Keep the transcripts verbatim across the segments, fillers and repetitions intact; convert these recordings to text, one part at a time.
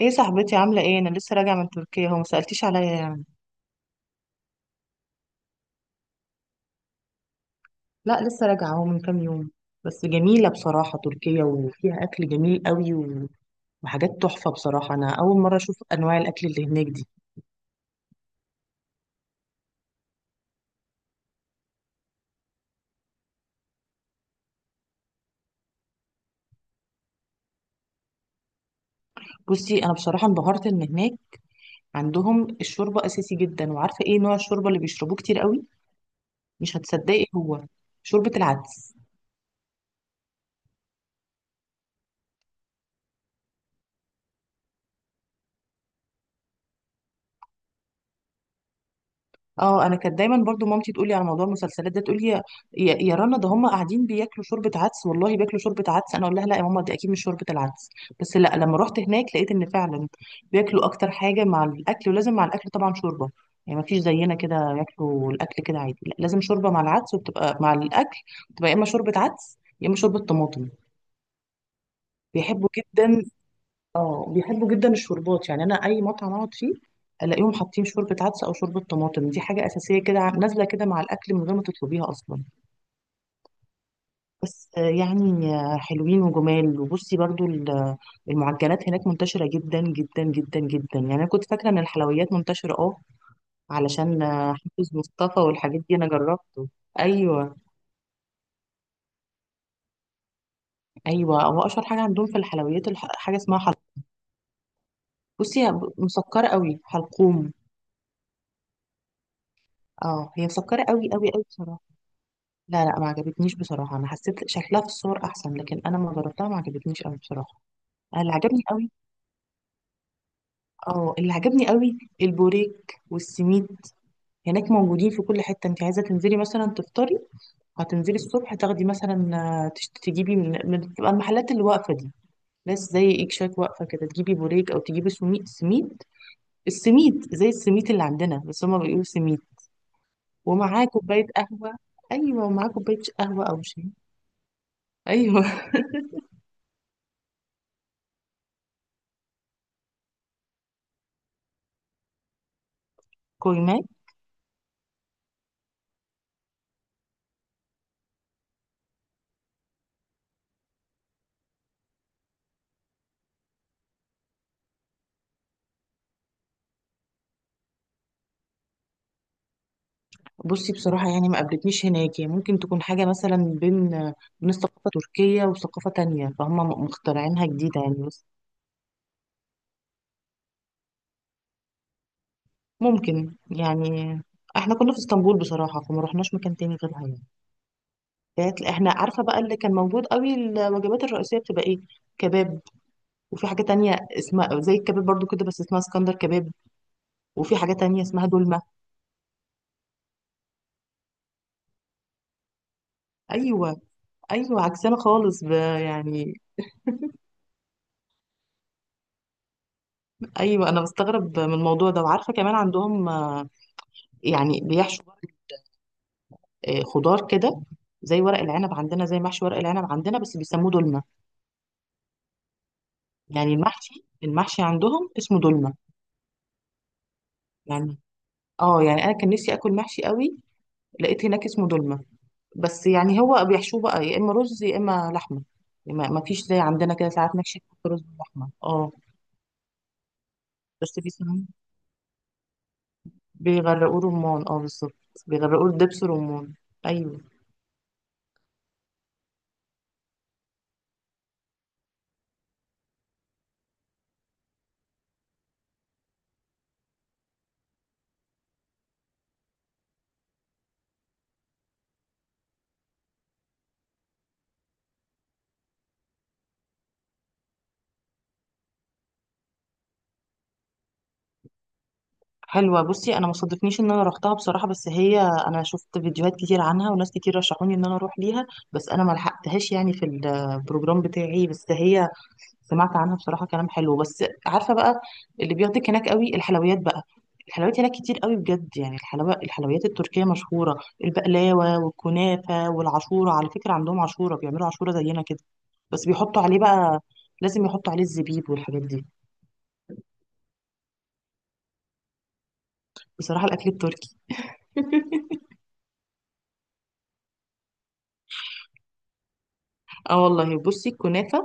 ايه صاحبتي، عاملة ايه؟ انا لسه راجعة من تركيا، هو ما سألتيش عليا يعني. لا لسه راجعة اهو من كام يوم. بس جميلة بصراحة تركيا، وفيها اكل جميل قوي و- وحاجات تحفة بصراحة. انا اول مرة اشوف انواع الاكل اللي هناك دي. بصي انا بصراحة انبهرت ان هناك عندهم الشوربة اساسي جدا. وعارفة ايه نوع الشوربة اللي بيشربوه كتير قوي؟ مش هتصدقي، هو شوربة العدس. اه انا كانت دايما برضو مامتي تقولي على موضوع المسلسلات ده، تقولي يا يا يا رنا، ده هم قاعدين بياكلوا شوربه عدس، والله بياكلوا شوربه عدس، انا اقول لها لا يا ماما، دي اكيد مش شوربه العدس. بس لا لما رحت هناك لقيت ان فعلا بياكلوا اكتر حاجه مع الاكل، ولازم مع الاكل طبعا شوربه. يعني ما فيش زينا كده ياكلوا الاكل كده عادي، لا لازم شوربه مع العدس وبتبقى مع الاكل. بتبقى يا اما شوربه عدس يا اما شوربه طماطم. بيحبوا جدا. اه بيحبوا جدا الشوربات يعني. انا اي مطعم اقعد فيه الاقيهم حاطين شوربه عدس او شوربه طماطم. دي حاجه اساسيه كده، ع- نازله كده مع الاكل من غير ما تطلبيها اصلا. بس آه، يعني آه، حلوين وجمال. وبصي برضو ال- آه، المعجنات هناك منتشره جدا جدا جدا جدا. يعني انا كنت فاكره ان الحلويات منتشره اه، علشان آه، حافظ مصطفى والحاجات دي انا جربته. ايوه. ايوه هو اشهر حاجه عندهم في الحلويات الح- حاجه اسمها حلقوم. بصي هي مسكره قوي، حلقوم. اه هي مسكره قوي قوي قوي بصراحه. لا لا ما عجبتنيش بصراحة، أنا حسيت شكلها في الصور أحسن، لكن أنا ما جربتها ما عجبتنيش أوي بصراحة. أنا اللي عجبني أوي، أه اللي عجبني أوي البوريك والسميد. هناك موجودين في كل حتة. أنت عايزة تنزلي مثلا تفطري، هتنزلي الصبح تاخدي مثلا آه، تش- تجيبي من من- تبقى المحلات اللي واقفة دي، ناس زي إيك شاك، واقفة كده تجيبي بوريك أو تجيبي سميد. سميد، السميد زي السميد اللي عندنا، بس هما بيقولوا سميد. ومعاه كوباية قهوة. أيوة، ومعاه كوباية قهوة أو شاي. أيوة كويمات. بصي بصراحة يعني ما قابلتنيش هناك. يعني ممكن تكون حاجة مثلا بين بين الثقافة التركية وثقافة تانية، فهم م- مخترعينها جديدة يعني. بس ممكن يعني. احنا كنا في اسطنبول بصراحة، فما رحناش مكان تاني غيرها يعني. فات- احنا عارفة بقى اللي كان موجود قوي، الوجبات الرئيسية بتبقى ايه؟ كباب. وفي حاجة تانية اسمها زي الكباب برضو كده بس اسمها اسكندر كباب. وفي حاجة تانية اسمها دولمة. ايوه. ايوه عكسنا خالص، ب- يعني. ايوه انا بستغرب من الموضوع ده. وعارفة كمان عندهم آه، يعني بيحشوا آه، خضار كده، زي ورق العنب عندنا، زي محشي ورق العنب عندنا بس بيسموه دولمة. يعني المحشي، المحشي عندهم اسمه دولمة يعني. اه يعني انا كان نفسي اكل محشي قوي، لقيت هناك اسمه دولمة. بس يعني هو بيحشوه بقى يا اما رز يا اما لحمة. يعني ما ما فيش زي عندنا كده ساعات محشي يحط رز ولحمة. اه بس بيسموه، بيغرقوه رمان، اه بالظبط. بيغرقوه دبس رمان. ايوه. حلوة. بصي انا ما صادفنيش ان انا روحتها بصراحة، بس هي انا شفت فيديوهات كتير عنها، وناس كتير رشحوني ان انا اروح ليها. بس انا ما لحقتهاش يعني في البروجرام بتاعي. بس هي سمعت عنها بصراحة كلام حلو. بس عارفة بقى، اللي بياخدك هناك قوي الحلويات بقى. الحلويات هناك كتير قوي بجد يعني. الحلوى، الحلويات التركية مشهورة، البقلاوة والكنافة والعشورة. على فكرة عندهم عشورة، بيعملوا عشورة زينا كده، بس بيحطوا عليه بقى، لازم يحطوا عليه الزبيب والحاجات دي. بصراحة الأكل التركي اه والله بصي الكنافة،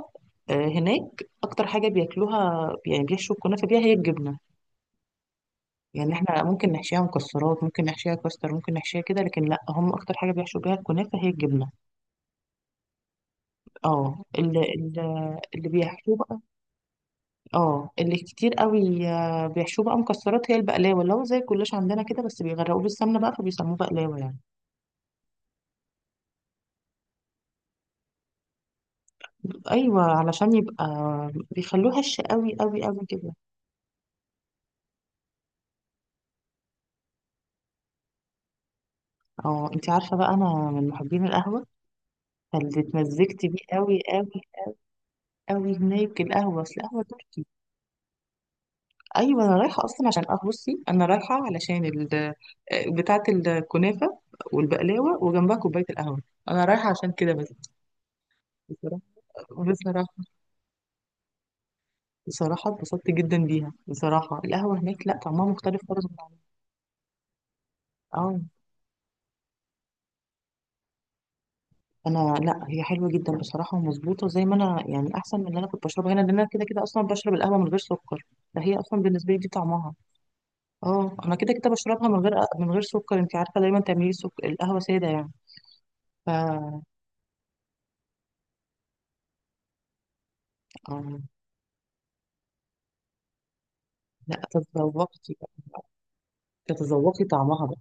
آه، هناك أكتر حاجة بياكلوها يعني بيحشوا الكنافة بيها هي الجبنة. يعني احنا ممكن نحشيها مكسرات، ممكن نحشيها كاستر، ممكن نحشيها كده، لكن لا هم أكتر حاجة بيحشوا بيها الكنافة هي الجبنة. اه اللي, اللي بيحشوه بقى، اه اللي كتير قوي آه، بيحشوه بقى مكسرات هي البقلاوة، اللي هو زي الكلاش عندنا كده، بس بيغرقوه بالسمنة بقى فبيسموه بقلاوة يعني. أيوة علشان يبقى، بيخلوه هش قوي قوي قوي كده. اه انتي عارفة بقى أنا من محبين القهوة، فاللي اتمزجت بيه قوي قوي، قوي هناك القهوة، اصل القهوة تركي. ايوه انا رايحة اصلا عشان قهوة. بصي انا رايحة علشان ال آه، بتاعة الكنافة والبقلاوة وجنبها كوباية القهوة، انا رايحة عشان كده بس. بصراحة، بصراحة، بصراحة اتبسطت جدا بيها. بصراحة القهوة هناك لا، طعمها مختلف خالص من عندنا. اه انا لا هي حلوة جدا بصراحة، ومظبوطة زي ما انا يعني، احسن من اللي انا كنت بشربها هنا، لان انا كده كده اصلا بشرب القهوة من غير سكر. فهي اصلا بالنسبة لي دي طعمها، اه انا كده كده بشربها من غير، من غير سكر. انت عارفه دايما تعملي سكر، القهوه ساده يعني. ف آه. لا تتذوقي بقى، تتذوقي طعمها بقى.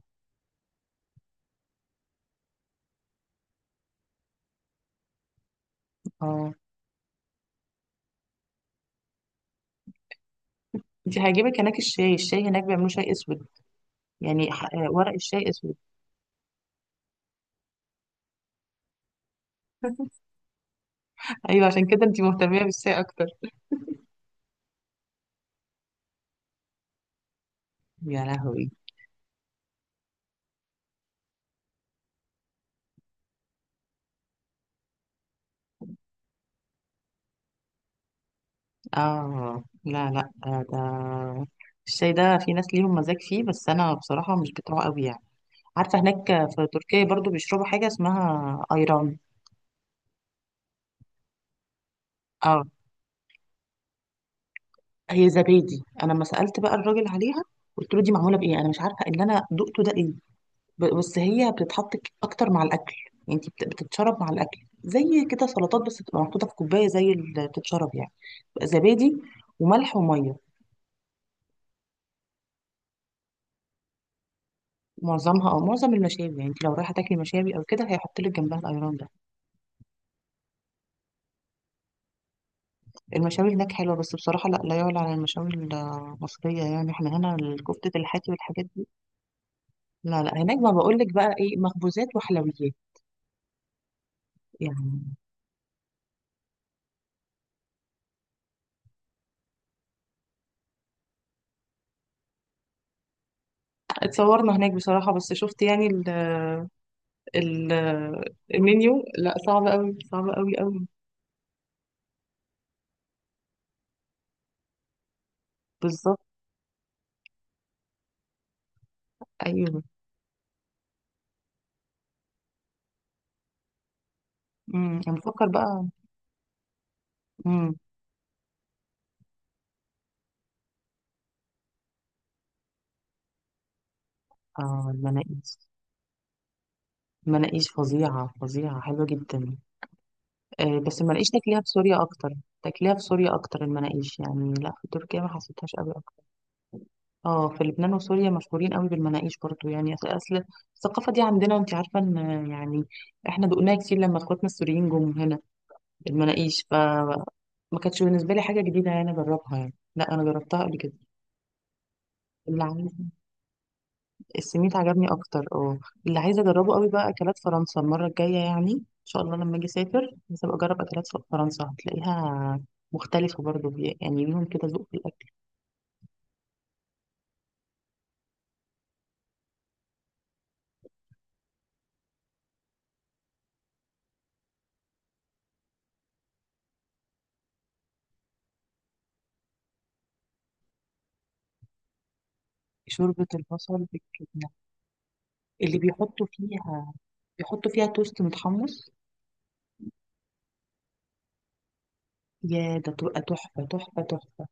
اه انت هيعجبك هناك الشاي. الشاي هناك بيعملوا شاي اسود، يعني ح- آه، ورق الشاي اسود. ايوه عشان كده انت مهتميه بالشاي اكتر. يا لهوي. اه لا لا آه، ده الشاي ده في ناس ليهم مزاج فيه، بس انا بصراحه مش بتوعه قوي يعني. عارفه هناك في تركيا برضو بيشربوا حاجه اسمها ايران. اه هي زبادي. انا لما سالت بقى الراجل عليها قلت له دي معموله بايه، انا مش عارفه اللي انا دقته ده ايه. ب- بس هي بتتحط ك- اكتر مع الاكل، يعني انت بت- بتتشرب مع الاكل، زي كده سلطات، بس بتبقى محطوطه في كوبايه زي اللي بتتشرب يعني. بتبقى زبادي وملح وميه. معظمها او معظم المشاوي، يعني انت لو رايحه تاكلي مشاوي او كده هيحط لك جنبها الايران ده. المشاوي هناك حلوه، بس بصراحه لا لا يعلى على المشاوي المصريه يعني، احنا هنا الكفته الحاتي والحاجات دي. لا لا هناك ما بقول لك بقى ايه، مخبوزات وحلويات يعني. اتصورنا هناك بصراحة، بس شفت يعني ال ال المنيو، لا صعب قوي، صعب قوي قوي. بالظبط. ايوه. امم انا بفكر بقى. امم. اه المناقيش، المناقيش فظيعة فظيعة، حلوة جدا. آه بس المناقيش تاكليها في سوريا اكتر، تاكليها في سوريا اكتر المناقيش يعني، لا في تركيا ما حسيتهاش قوي اكتر. اه في لبنان وسوريا مشهورين قوي بالمناقيش برضو يعني، اصل أصل الثقافة دي عندنا، وانت عارفة ان يعني احنا دقناها كتير لما اخواتنا السوريين جم هنا، المناقيش ما كانتش بالنسبه لي حاجه جديده يعني اجربها يعني، لا انا جربتها قبل كده. اللي عايز، السميت عجبني اكتر اه. اللي عايزه اجربه قوي بقى اكلات فرنسا المره الجايه يعني، ان شاء الله لما اجي اسافر لازم اجرب اكلات ف- فرنسا. هتلاقيها مختلفه برضو، بي- يعني ليهم كده ذوق في الاكل. شوربه البصل بالجبنه، اللي بيحطوا فيها، بيحطوا فيها توست متحمص. يا ده تبقى تحفه تحفه تحفه.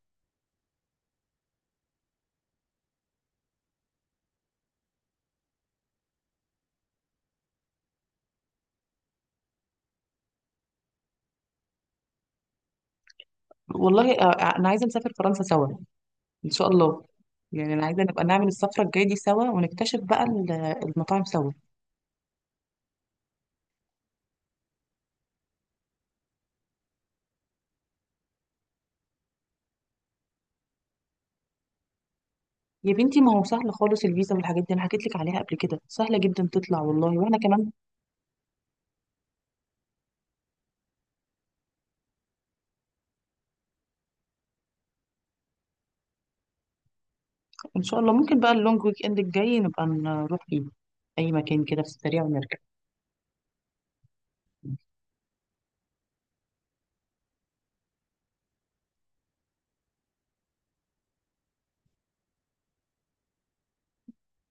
والله آه، آه، انا عايزه نسافر فرنسا سوا ان شاء الله. يعني انا عايزه نبقى نعمل السفره الجايه دي سوا، ونكتشف بقى ال- المطاعم سوا. يا بنتي ما هو سهل خالص، الفيزا والحاجات دي انا حكيت لك عليها قبل كده، سهله جدا تطلع والله، واحنا كمان ان شاء الله ممكن بقى اللونج ويك اند الجاي نبقى نروح فيه اي مكان كده في السريع ونرجع.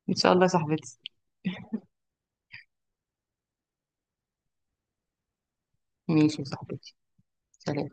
ان شاء الله يا صاحبتي. ماشي يا صاحبتي، سلام.